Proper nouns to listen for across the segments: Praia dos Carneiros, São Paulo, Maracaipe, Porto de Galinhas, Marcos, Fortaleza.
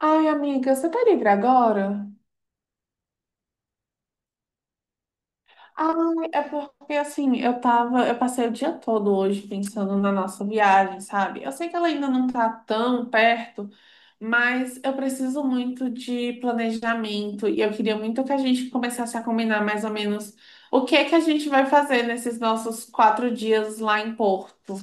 Ai, amiga, você tá livre agora? Ai, é porque assim, eu passei o dia todo hoje pensando na nossa viagem, sabe? Eu sei que ela ainda não tá tão perto, mas eu preciso muito de planejamento e eu queria muito que a gente começasse a combinar mais ou menos o que é que a gente vai fazer nesses nossos 4 dias lá em Porto.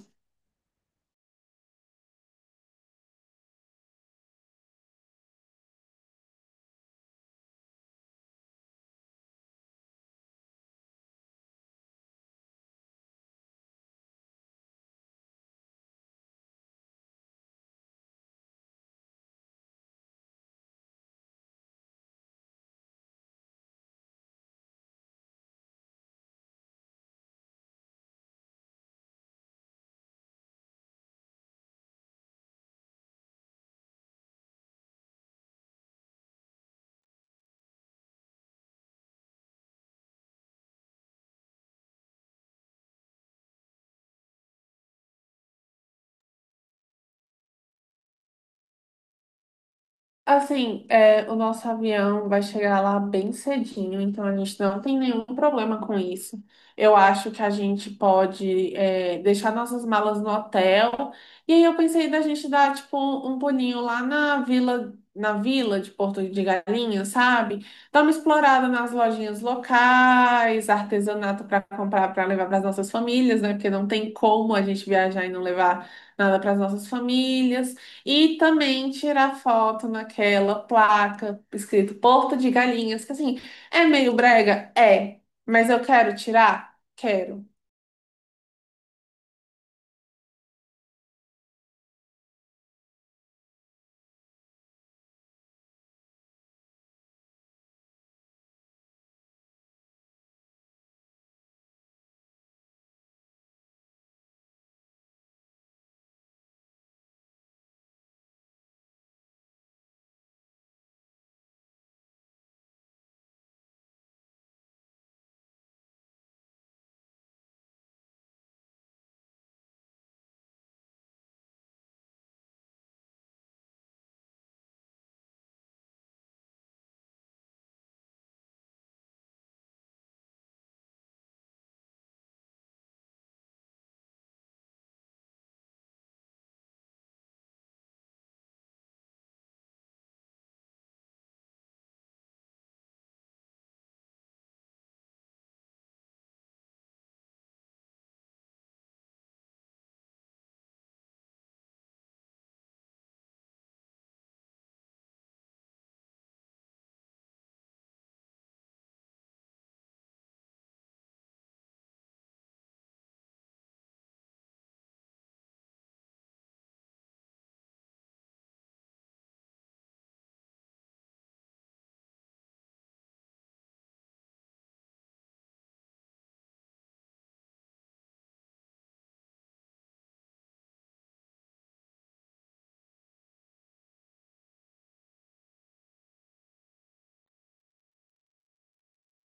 Assim, o nosso avião vai chegar lá bem cedinho, então a gente não tem nenhum problema com isso. Eu acho que a gente pode, deixar nossas malas no hotel. E aí eu pensei da gente dar, tipo, um pulinho lá na vila de Porto de Galinhas, sabe? Dar uma explorada nas lojinhas locais, artesanato para comprar, para levar para as nossas famílias, né? Porque não tem como a gente viajar e não levar nada para as nossas famílias. E também tirar foto naquela placa escrito Porto de Galinhas, que assim, é meio brega? É, mas eu quero tirar? Quero.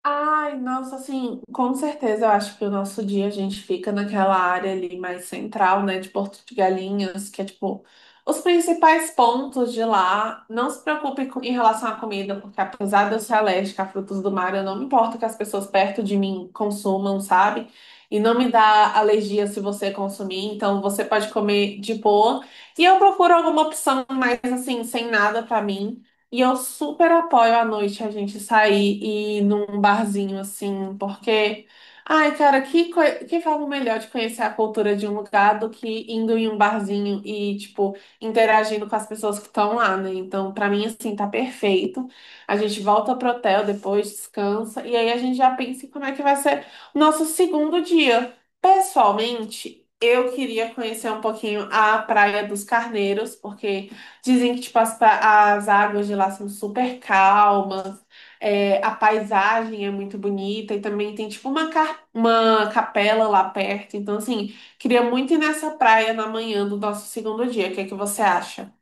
Ai, nossa, assim, com certeza eu acho que o nosso dia a gente fica naquela área ali mais central, né, de Porto de Galinhas, que é tipo os principais pontos de lá. Não se preocupe em relação à comida, porque apesar de eu ser alérgica a frutos do mar, eu não me importo que as pessoas perto de mim consumam, sabe? E não me dá alergia se você consumir, então você pode comer de boa. E eu procuro alguma opção mais assim, sem nada pra mim. E eu super apoio à noite a gente sair e ir num barzinho assim, porque, ai, cara, que forma melhor de conhecer a cultura de um lugar do que indo em um barzinho e, tipo, interagindo com as pessoas que estão lá, né? Então, pra mim, assim, tá perfeito. A gente volta pro hotel depois, descansa, e aí a gente já pensa em como é que vai ser o nosso segundo dia. Pessoalmente, eu queria conhecer um pouquinho a Praia dos Carneiros, porque dizem que, tipo, as águas de lá são super calmas, a paisagem é muito bonita e também tem, tipo, uma capela lá perto. Então, assim, queria muito ir nessa praia na manhã do nosso segundo dia. O que é que você acha?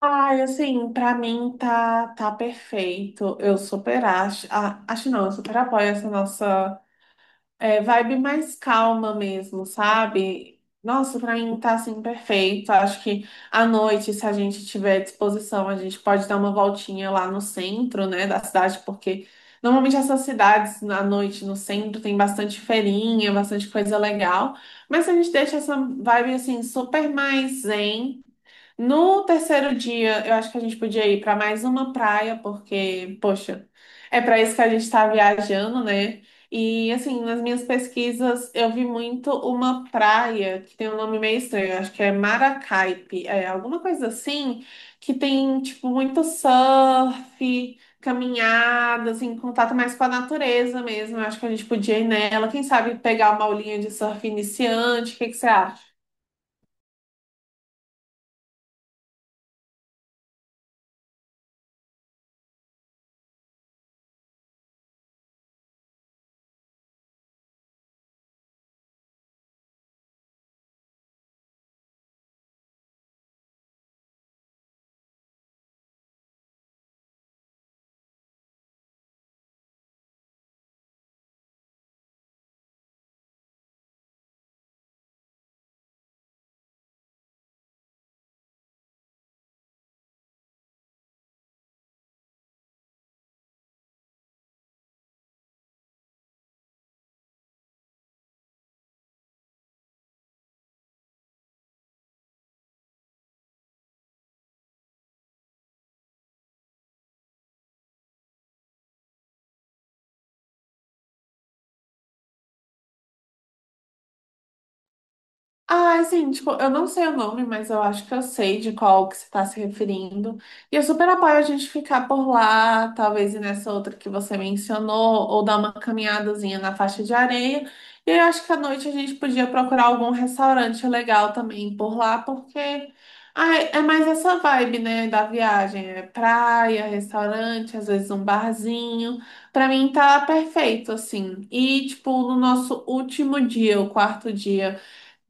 Ai, assim, pra mim tá, tá perfeito. Eu super acho. Ah, acho não, eu super apoio essa nossa. É, vibe mais calma mesmo, sabe? Nossa, pra mim tá assim perfeito. Acho que à noite, se a gente tiver disposição, a gente pode dar uma voltinha lá no centro, né, da cidade, porque normalmente essas cidades à noite no centro tem bastante feirinha, bastante coisa legal. Mas a gente deixa essa vibe assim super mais zen. No terceiro dia, eu acho que a gente podia ir para mais uma praia, porque, poxa, é para isso que a gente está viajando, né? E, assim, nas minhas pesquisas, eu vi muito uma praia que tem um nome meio estranho, eu acho que é Maracaipe, é alguma coisa assim, que tem, tipo, muito surf, caminhada, assim, contato mais com a natureza mesmo. Eu acho que a gente podia ir nela, quem sabe pegar uma aulinha de surf iniciante, o que que você acha? Ah, é assim, tipo, eu não sei o nome, mas eu acho que eu sei de qual que você está se referindo. E eu super apoio a gente ficar por lá, talvez ir nessa outra que você mencionou, ou dar uma caminhadazinha na faixa de areia. E eu acho que à noite a gente podia procurar algum restaurante legal também por lá, porque ah, é mais essa vibe, né, da viagem. É praia, restaurante, às vezes um barzinho. Pra mim tá perfeito, assim. E, tipo, no nosso último dia, o quarto dia.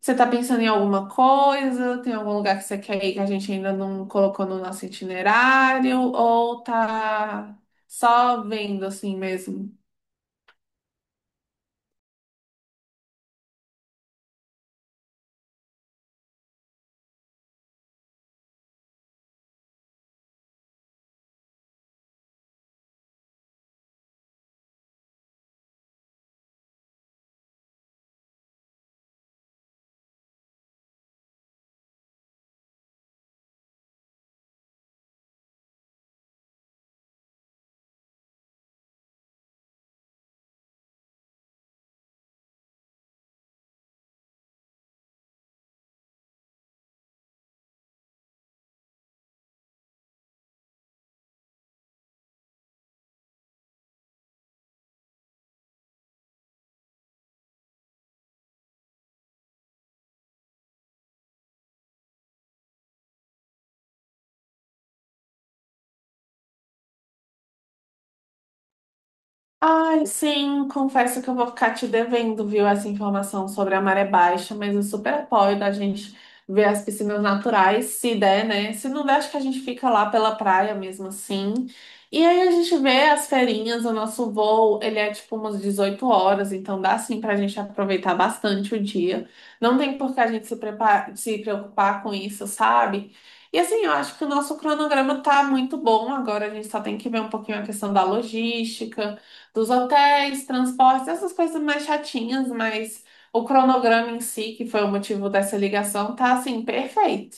Você tá pensando em alguma coisa? Tem algum lugar que você quer ir que a gente ainda não colocou no nosso itinerário? Ou tá só vendo assim mesmo? Ai, sim, confesso que eu vou ficar te devendo, viu, essa informação sobre a maré baixa, mas eu super apoio da gente ver as piscinas naturais, se der, né? Se não der, acho que a gente fica lá pela praia mesmo assim. E aí a gente vê as feirinhas, o nosso voo, ele é tipo umas 18h, então dá sim pra gente aproveitar bastante o dia. Não tem por que a gente se preocupar com isso, sabe? E assim, eu acho que o nosso cronograma tá muito bom agora, a gente só tem que ver um pouquinho a questão da logística dos hotéis, transportes, essas coisas mais chatinhas, mas o cronograma em si, que foi o motivo dessa ligação, tá assim, perfeito.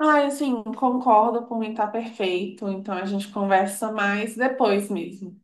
Ai, assim, concordo, por mim tá perfeito, então a gente conversa mais depois mesmo.